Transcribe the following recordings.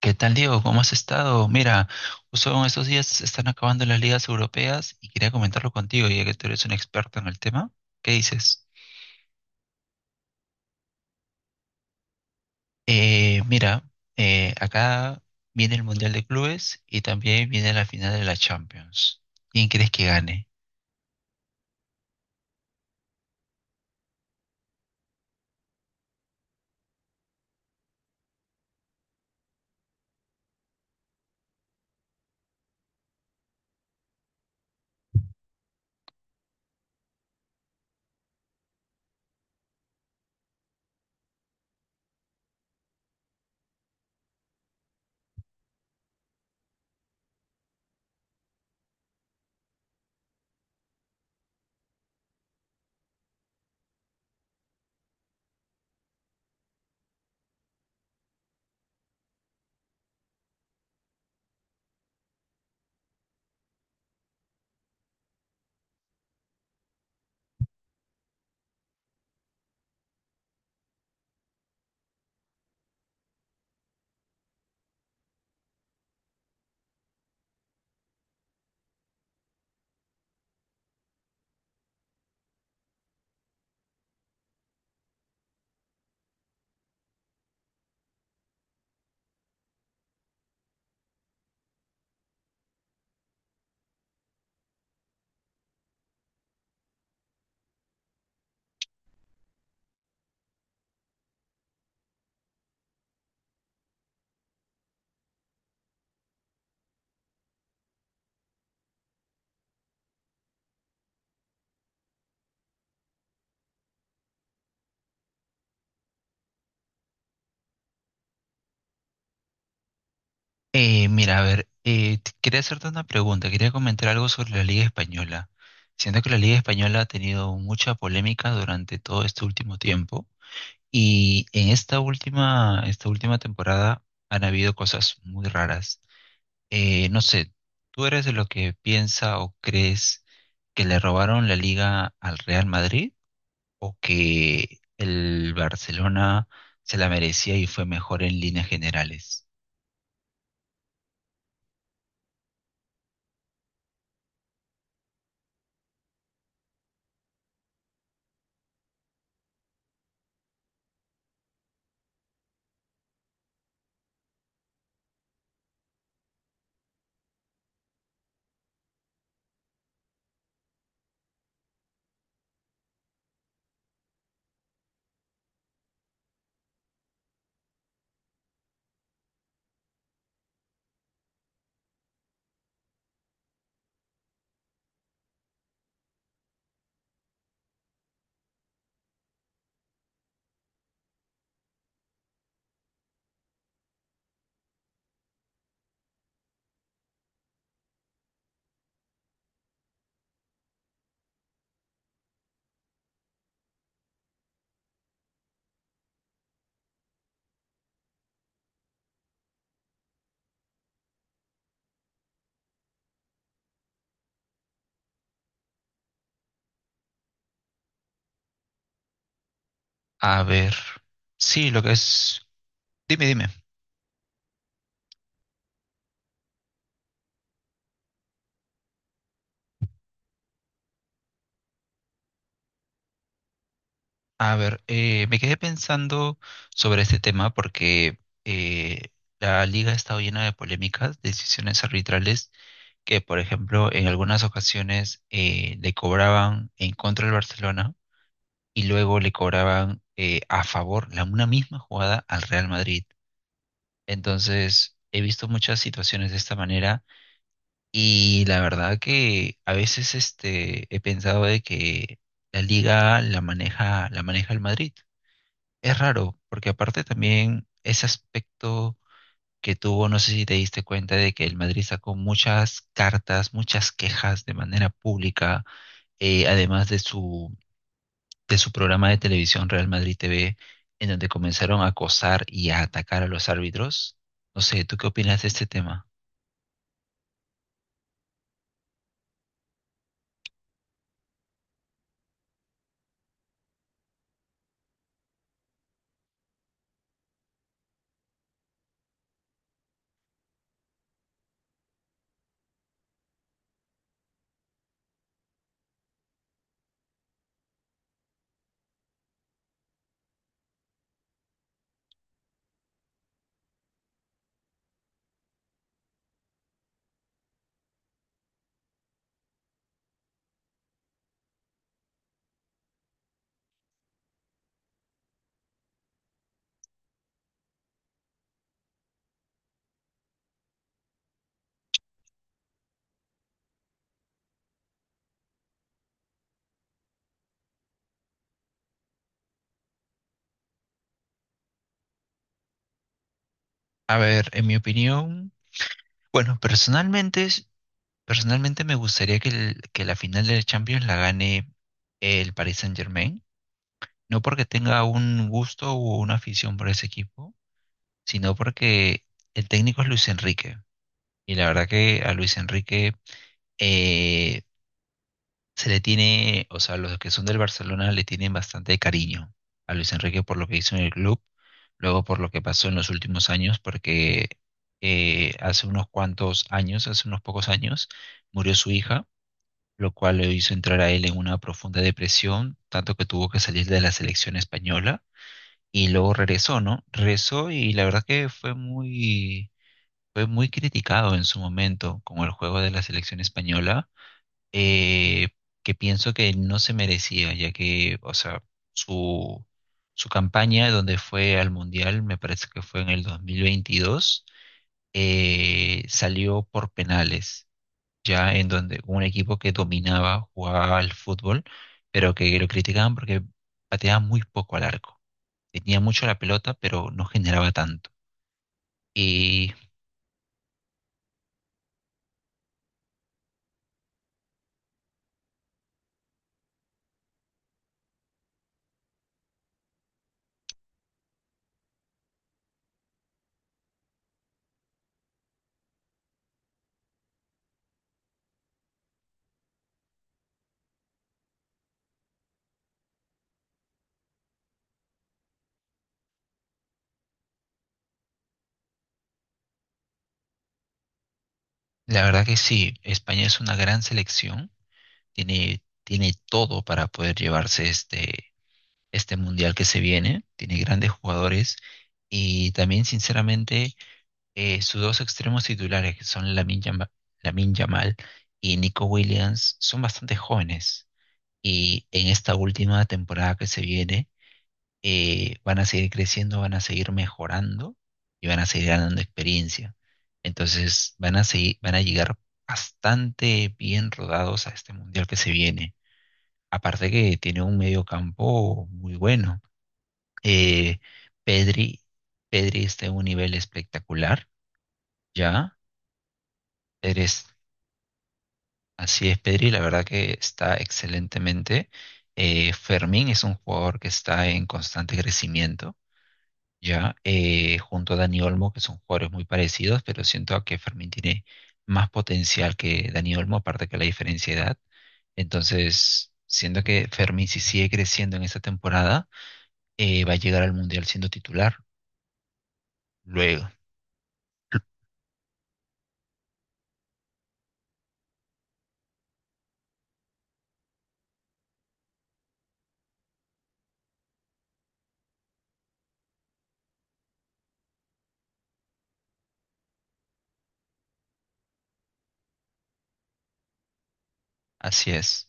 ¿Qué tal, Diego? ¿Cómo has estado? Mira, justo en estos días se están acabando las ligas europeas y quería comentarlo contigo, ya que tú eres un experto en el tema. ¿Qué dices? Eh, mira, acá viene el Mundial de Clubes y también viene la final de la Champions. ¿Quién crees que gane? Mira, a ver, quería hacerte una pregunta, quería comentar algo sobre la Liga Española. Siento que la Liga Española ha tenido mucha polémica durante todo este último tiempo. Y en esta última temporada han habido cosas muy raras. No sé, ¿tú eres de lo que piensa o crees que le robaron la liga al Real Madrid o que el Barcelona se la merecía y fue mejor en líneas generales? A ver, sí, lo que es... Dime, dime. A ver, me quedé pensando sobre este tema porque eh, la liga ha estado llena de polémicas, decisiones arbitrales que, por ejemplo, en algunas ocasiones le cobraban en contra del Barcelona y luego le cobraban a favor una misma jugada al Real Madrid. Entonces, he visto muchas situaciones de esta manera y la verdad que a veces este, he pensado de que la liga la maneja el Madrid. Es raro, porque aparte también ese aspecto que tuvo, no sé si te diste cuenta de que el Madrid sacó muchas cartas, muchas quejas de manera pública, además de su programa de televisión Real Madrid TV, en donde comenzaron a acosar y a atacar a los árbitros. No sé, ¿tú qué opinas de este tema? A ver, en mi opinión, bueno, personalmente me gustaría que la final de la Champions la gane el Paris Saint-Germain. No porque tenga un gusto o una afición por ese equipo, sino porque el técnico es Luis Enrique. Y la verdad que a Luis Enrique eh, se le tiene, o sea, los que son del Barcelona le tienen bastante cariño a Luis Enrique por lo que hizo en el club, luego por lo que pasó en los últimos años, porque hace unos cuantos años, hace unos pocos años, murió su hija, lo cual le hizo entrar a él en una profunda depresión, tanto que tuvo que salir de la selección española y luego regresó, ¿no? Regresó y la verdad que fue muy criticado en su momento con el juego de la selección española, eh, que pienso que no se merecía, ya que, o sea, su, su campaña donde fue al Mundial, me parece que fue en el 2022, salió por penales, ya en donde un equipo que dominaba, jugaba al fútbol, pero que lo criticaban porque pateaba muy poco al arco, tenía mucho la pelota, pero no generaba tanto. Y la verdad que sí, España es una gran selección, tiene todo para poder llevarse este, este mundial que se viene, tiene grandes jugadores y también, sinceramente, sus dos extremos titulares, que son Lamin Yamal y Nico Williams, son bastante jóvenes. Y en esta última temporada que se viene, van a seguir creciendo, van a seguir mejorando y van a seguir ganando experiencia. Entonces van a seguir, van a llegar bastante bien rodados a este mundial que se viene. Aparte que tiene un medio campo muy bueno. Eh, Pedri, Pedri está en un nivel espectacular, ya. Eres, así es, Pedri, la verdad que está excelentemente. Fermín es un jugador que está en constante crecimiento, ya, junto a Dani Olmo, que son jugadores muy parecidos, pero siento que Fermín tiene más potencial que Dani Olmo, aparte que la diferencia de edad. Entonces, siento que Fermín, si sigue creciendo en esta temporada, va a llegar al Mundial siendo titular. Luego, así es.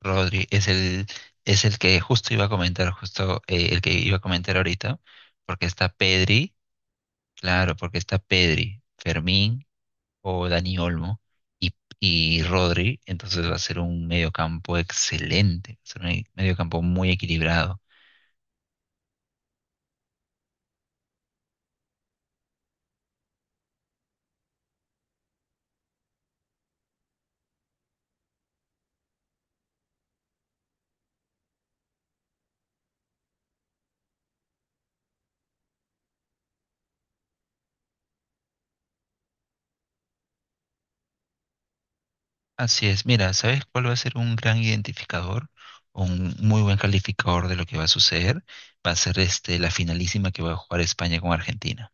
Rodri es el, es el que justo iba a comentar, justo el que iba a comentar ahorita, porque está Pedri, claro, porque está Pedri, Fermín o Dani Olmo y, y Rodri, entonces va a ser un mediocampo excelente, va a ser un mediocampo muy equilibrado. Así es, mira, ¿sabes cuál va a ser un gran identificador? Un muy buen calificador de lo que va a suceder, va a ser este, la finalísima que va a jugar España con Argentina.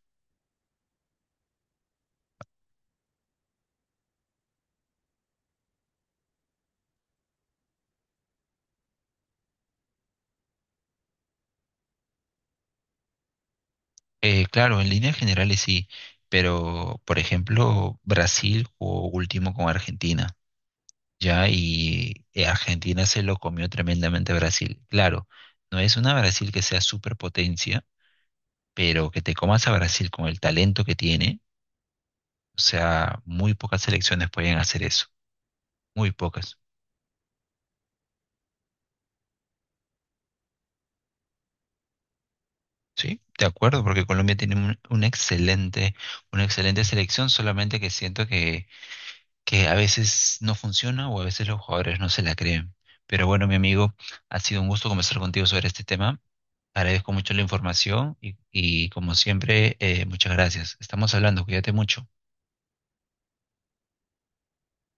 Claro, en líneas generales sí, pero por ejemplo, Brasil jugó último con Argentina ya, y Argentina se lo comió tremendamente a Brasil. Claro, no es una Brasil que sea superpotencia, pero que te comas a Brasil con el talento que tiene, o sea, muy pocas selecciones pueden hacer eso, muy pocas. Sí, de acuerdo, porque Colombia tiene una excelente selección, solamente que siento que a veces no funciona o a veces los jugadores no se la creen. Pero bueno, mi amigo, ha sido un gusto conversar contigo sobre este tema. Agradezco mucho la información y como siempre, muchas gracias. Estamos hablando, cuídate mucho.